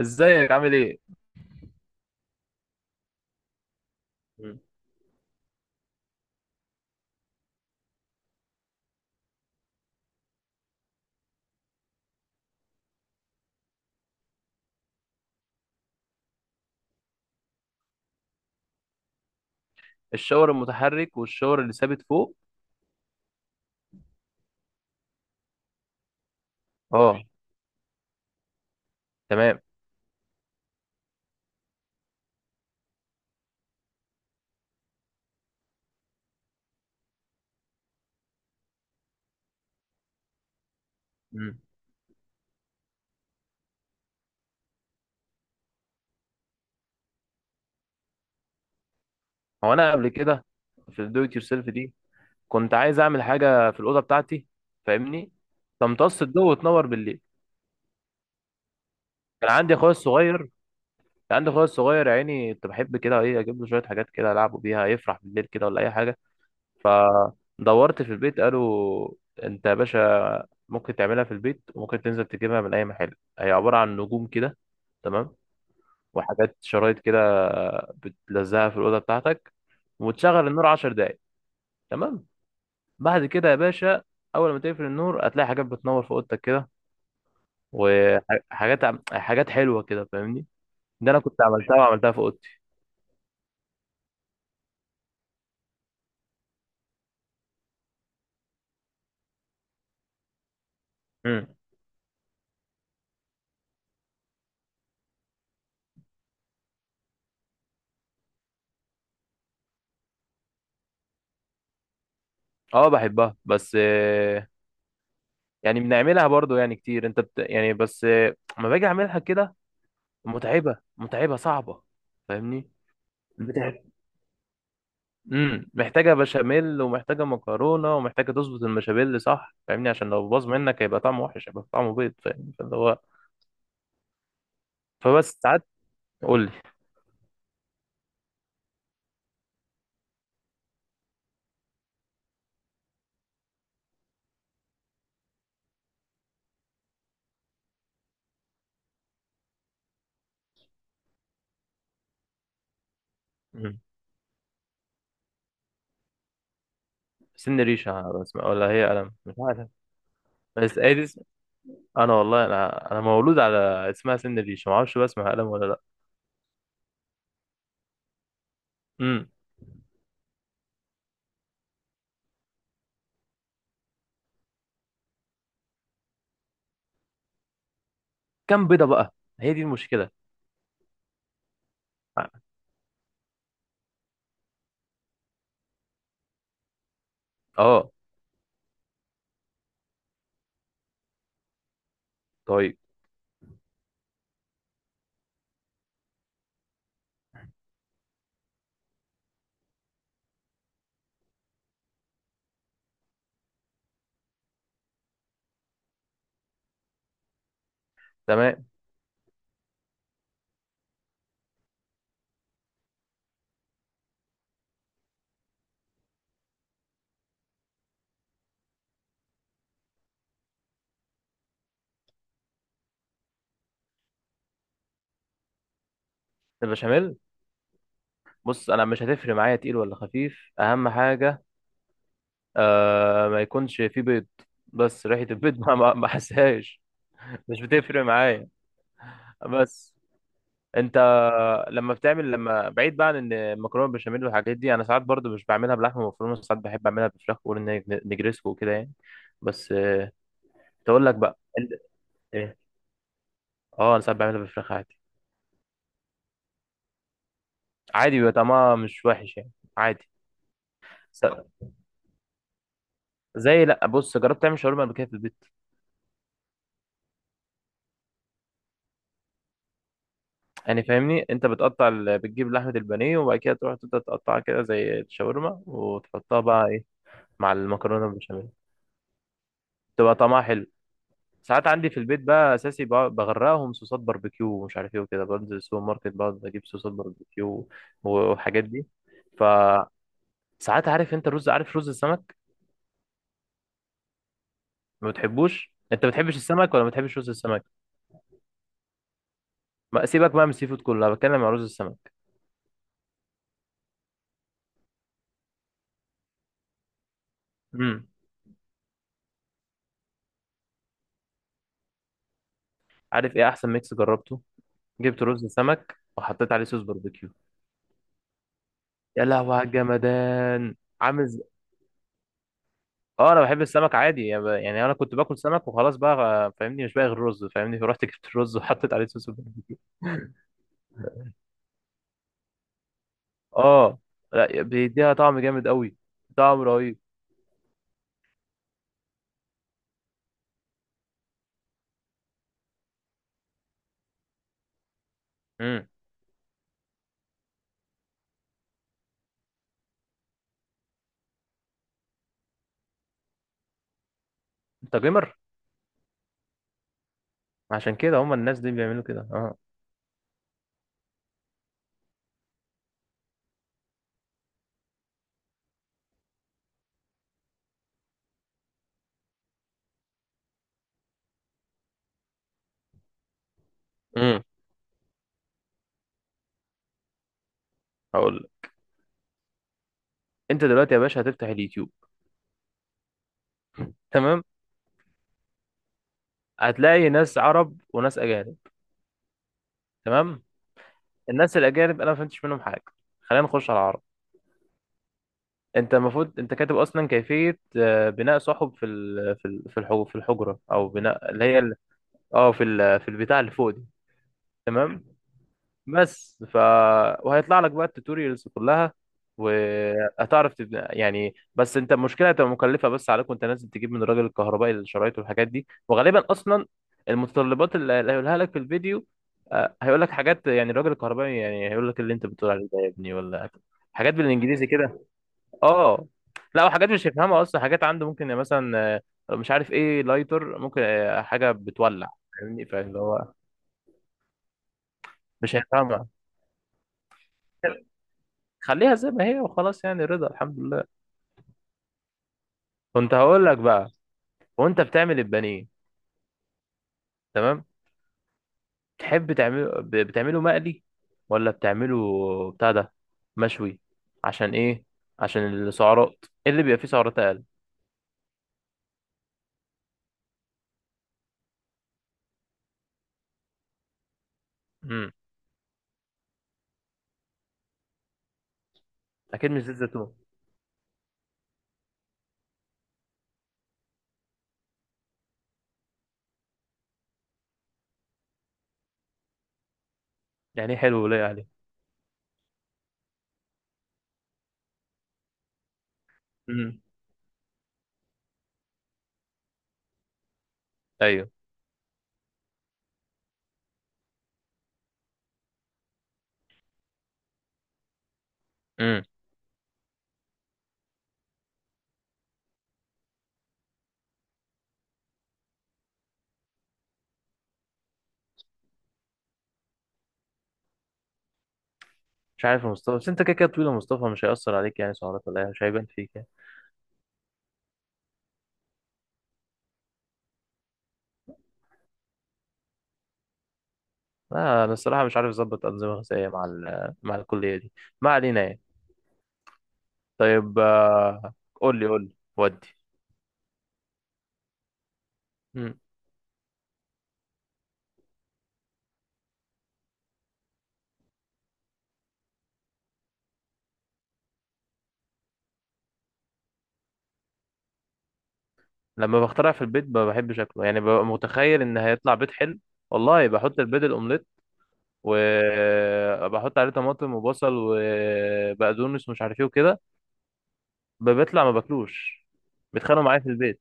ازيك، عامل ايه؟ مم. الشاور المتحرك والشاور اللي ثابت فوق. اه، تمام. مم. هو انا قبل كده، في الدو ات يور سيلف دي، كنت عايز اعمل حاجه في الاوضه بتاعتي، فاهمني، تمتص الضوء وتنور بالليل. كان عندي اخويا الصغير كان عندي اخويا الصغير يا عيني، كنت بحب كده ايه اجيب له شويه حاجات كده العبه بيها يفرح بالليل كده، ولا اي حاجه. فدورت في البيت، قالوا انت يا باشا ممكن تعملها في البيت، وممكن تنزل تجيبها من اي محل، هي عباره عن نجوم كده. تمام. وحاجات شرايط كده بتلزقها في الأوضة بتاعتك، وتشغل النور 10 دقايق. تمام. بعد كده يا باشا، أول ما تقفل النور هتلاقي حاجات بتنور في أوضتك كده، وحاجات حاجات حلوة كده، فاهمني. ده أنا كنت عملتها وعملتها في أوضتي. امم. أه، بحبها بس يعني بنعملها برضو يعني كتير. أنت يعني بس لما باجي أعملها كده متعبة متعبة صعبة، فاهمني. بتح... محتاجه بشاميل، ومحتاجه مكرونه، ومحتاجه تظبط المشابيل، صح؟ فاهمني، عشان لو باظ منك هيبقى طعمه وحش، هيبقى طعمه بيض، فاهم؟ فاللي هو فبس ساعات. قول لي. مم. سن ريشه، بس ولا هي قلم؟ مش عارف. بس هي دي انا والله، انا مولود على اسمها سن ريشه، ما اعرفش بقى اسمها قلم ولا لا. امم. كام بيضه بقى؟ هي دي المشكله. اه. طيب. تمام. البشاميل. بص، انا مش هتفرق معايا تقيل ولا خفيف، اهم حاجه ما يكونش فيه بيض، بس ريحة البيض ما حسهاش، مش بتفرق معايا. بس انت لما بعيد بقى عن ان المكرونه بالبشاميل والحاجات دي، انا ساعات برضو مش بعملها بلحمه مفرومه، ساعات بحب اعملها بفراخ، بقول ان هي نجريسكو وكده يعني. بس تقول لك بقى ايه؟ اه، انا ساعات بعملها بفراخ عادي. عادي، بيبقى طعمها مش وحش يعني. عادي. س- زي، لا بص، جربت تعمل شاورما قبل كده في البيت؟ يعني فاهمني، انت بتجيب لحمه البانيه، وبعد كده تروح تبدا تقطعها كده زي الشاورما، وتحطها بقى مع المكرونه البشاميل، تبقى طعمها حلو. ساعات عندي في البيت بقى اساسي بغرقهم صوصات باربيكيو ومش عارف ايه وكده، بنزل السوبر ماركت بقعد اجيب صوصات باربيكيو والحاجات دي. فساعات عارف انت الرز؟ عارف رز السمك؟ ما بتحبوش انت، ما بتحبش السمك ولا ما بتحبش رز السمك؟ ما سيبك بقى من السي فود كله، انا بتكلم عن رز السمك. امم. عارف ايه احسن ميكس جربته؟ جبت رز سمك وحطيت عليه صوص باربيكيو. يا لهوي على الجمدان. عامل. اه، انا بحب السمك عادي يعني يعني انا كنت باكل سمك وخلاص بقى فاهمني، مش باقي غير رز، فاهمني، فرحت جبت الرز وحطيت عليه صوص البنجر. اه. لا، بيديها طعم جامد قوي، طعم رهيب. امم انت جيمر، عشان كده هم الناس دي بيعملوا كده، اه. امم. هقول لك. انت دلوقتي يا باشا هتفتح اليوتيوب. تمام. هتلاقي ناس عرب وناس اجانب. تمام. الناس الاجانب انا ما فهمتش منهم حاجه، خلينا نخش على العرب. انت المفروض انت كاتب اصلا كيفيه بناء صحب في ال... في ال- في الحو- في الحجره، او بناء اللي هي اه في البتاع اللي فوق دي. تمام. بس ف وهيطلع لك بقى التوتوريالز كلها، وهتعرف تبني يعني. بس انت المشكله هتبقى مكلفه بس عليك، وانت نازل تجيب من الراجل الكهربائي الشرايط والحاجات دي، وغالبا اصلا المتطلبات اللي هيقولها لك في الفيديو هيقول لك حاجات يعني، الراجل الكهربائي يعني هيقول لك اللي انت بتقول عليه ده يا ابني، ولا حاجات بالانجليزي كده، اه. لا، وحاجات مش هيفهمها اصلا، حاجات عنده ممكن، يعني مثلا مش عارف ايه، لايتر ممكن حاجه بتولع، فاهمني، فاللي هو مش هيفهمها. خليها زي ما هي وخلاص يعني، رضا الحمد لله. كنت هقول لك بقى، وانت بتعمل البانيه، تمام، تحب تعمله بتعمله مقلي ولا بتعمله بتاع ده مشوي؟ عشان ايه؟ عشان السعرات إيه اللي بيبقى فيه سعرات اقل. امم. اكيد مش زيت زيتون. يعني إيه حلو ولايق عليه؟ امم. ايوه. امم. مش عارف يا مصطفى، بس انت كده كده طويل يا مصطفى، مش هيأثر عليك يعني سعرات ولا إيه، مش هيبان فيك يعني. لا انا الصراحه مش عارف اظبط انظمه غذائيه مع الكليه دي، ما علينا يعني. طيب قول لي قول لي. ودي. مم. لما بخترع في البيت ما بحبش شكله، يعني ببقى متخيل ان هيطلع بيت حلو، والله. بحط البيض الاومليت وبحط عليه طماطم وبصل وبقدونس ومش عارف ايه وكده، بيطلع ما باكلوش، بيتخانقوا معايا في البيت،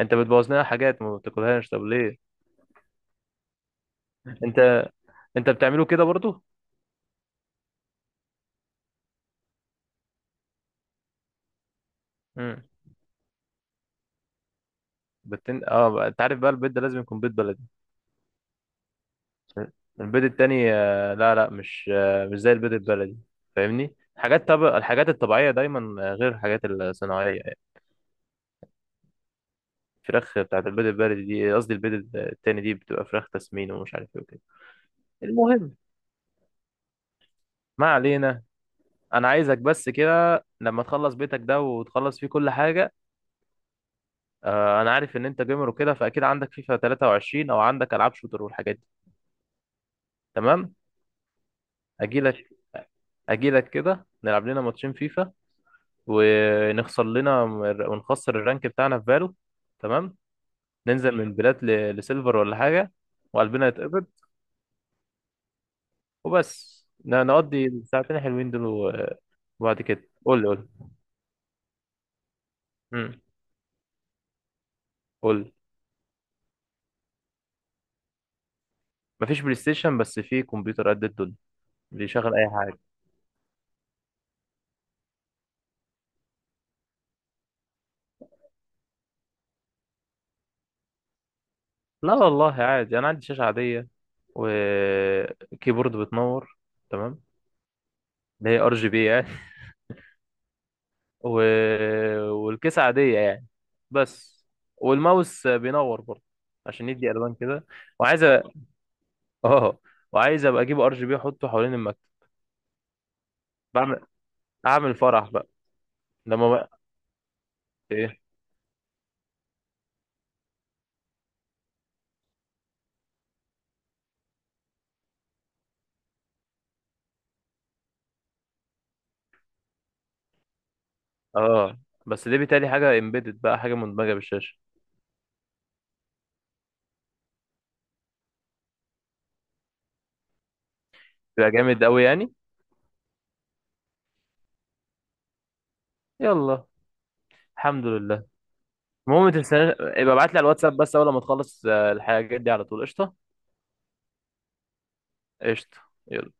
انت بتبوظ لنا حاجات ما بتاكلهاش، طب ليه؟ انت انت بتعمله كده برضه؟ مم. انت عارف بقى البيض ده لازم يكون بيض بلدي. البيض التاني لا لا، مش زي البيض البلدي، فاهمني. حاجات، طب الحاجات الطبيعية دايما غير الحاجات الصناعية يعني. الفراخ بتاعت البيض البلدي دي، قصدي البيض التاني دي بتبقى فراخ تسمين ومش عارف ايه وكده. المهم، ما علينا. انا عايزك بس كده لما تخلص بيتك ده وتخلص فيه كل حاجة، انا عارف ان انت جيمر وكده، فاكيد عندك فيفا 23 او عندك العاب شوتر والحاجات دي. تمام. اجيلك اجيلك كده نلعب لنا ماتشين فيفا، ونخسر لنا ونخسر الرانك بتاعنا في فالو. تمام. ننزل من بلات لسيلفر ولا حاجة، وقلبنا يتقبض، وبس نقضي الساعتين الحلوين دول وبعد كده قول لي قول لي. مم. قول لي. مفيش بلاي ستيشن، بس في كمبيوتر قد الدنيا اللي يشغل أي حاجة. لا والله عادي، أنا عندي شاشة عادية وكيبورد بتنور، تمام، اللي هي RGB يعني، و... والكيسة عادية يعني، بس والماوس بينور برضه عشان يدي الوان كده. وعايز أ- اه وعايز ابقى اجيب RGB احطه حوالين المكتب، بعمل اعمل فرح بقى لما بقى ايه. اه، بس دي بيتهيألي حاجة امبيدد بقى، حاجة مدمجة بالشاشة. يبقى جامد قوي يعني. يلا الحمد لله. المهم ما تنساش، يبقى ابعت لي على الواتساب بس اول ما تخلص الحاجات دي على طول، قشطة. قشطة. يلا.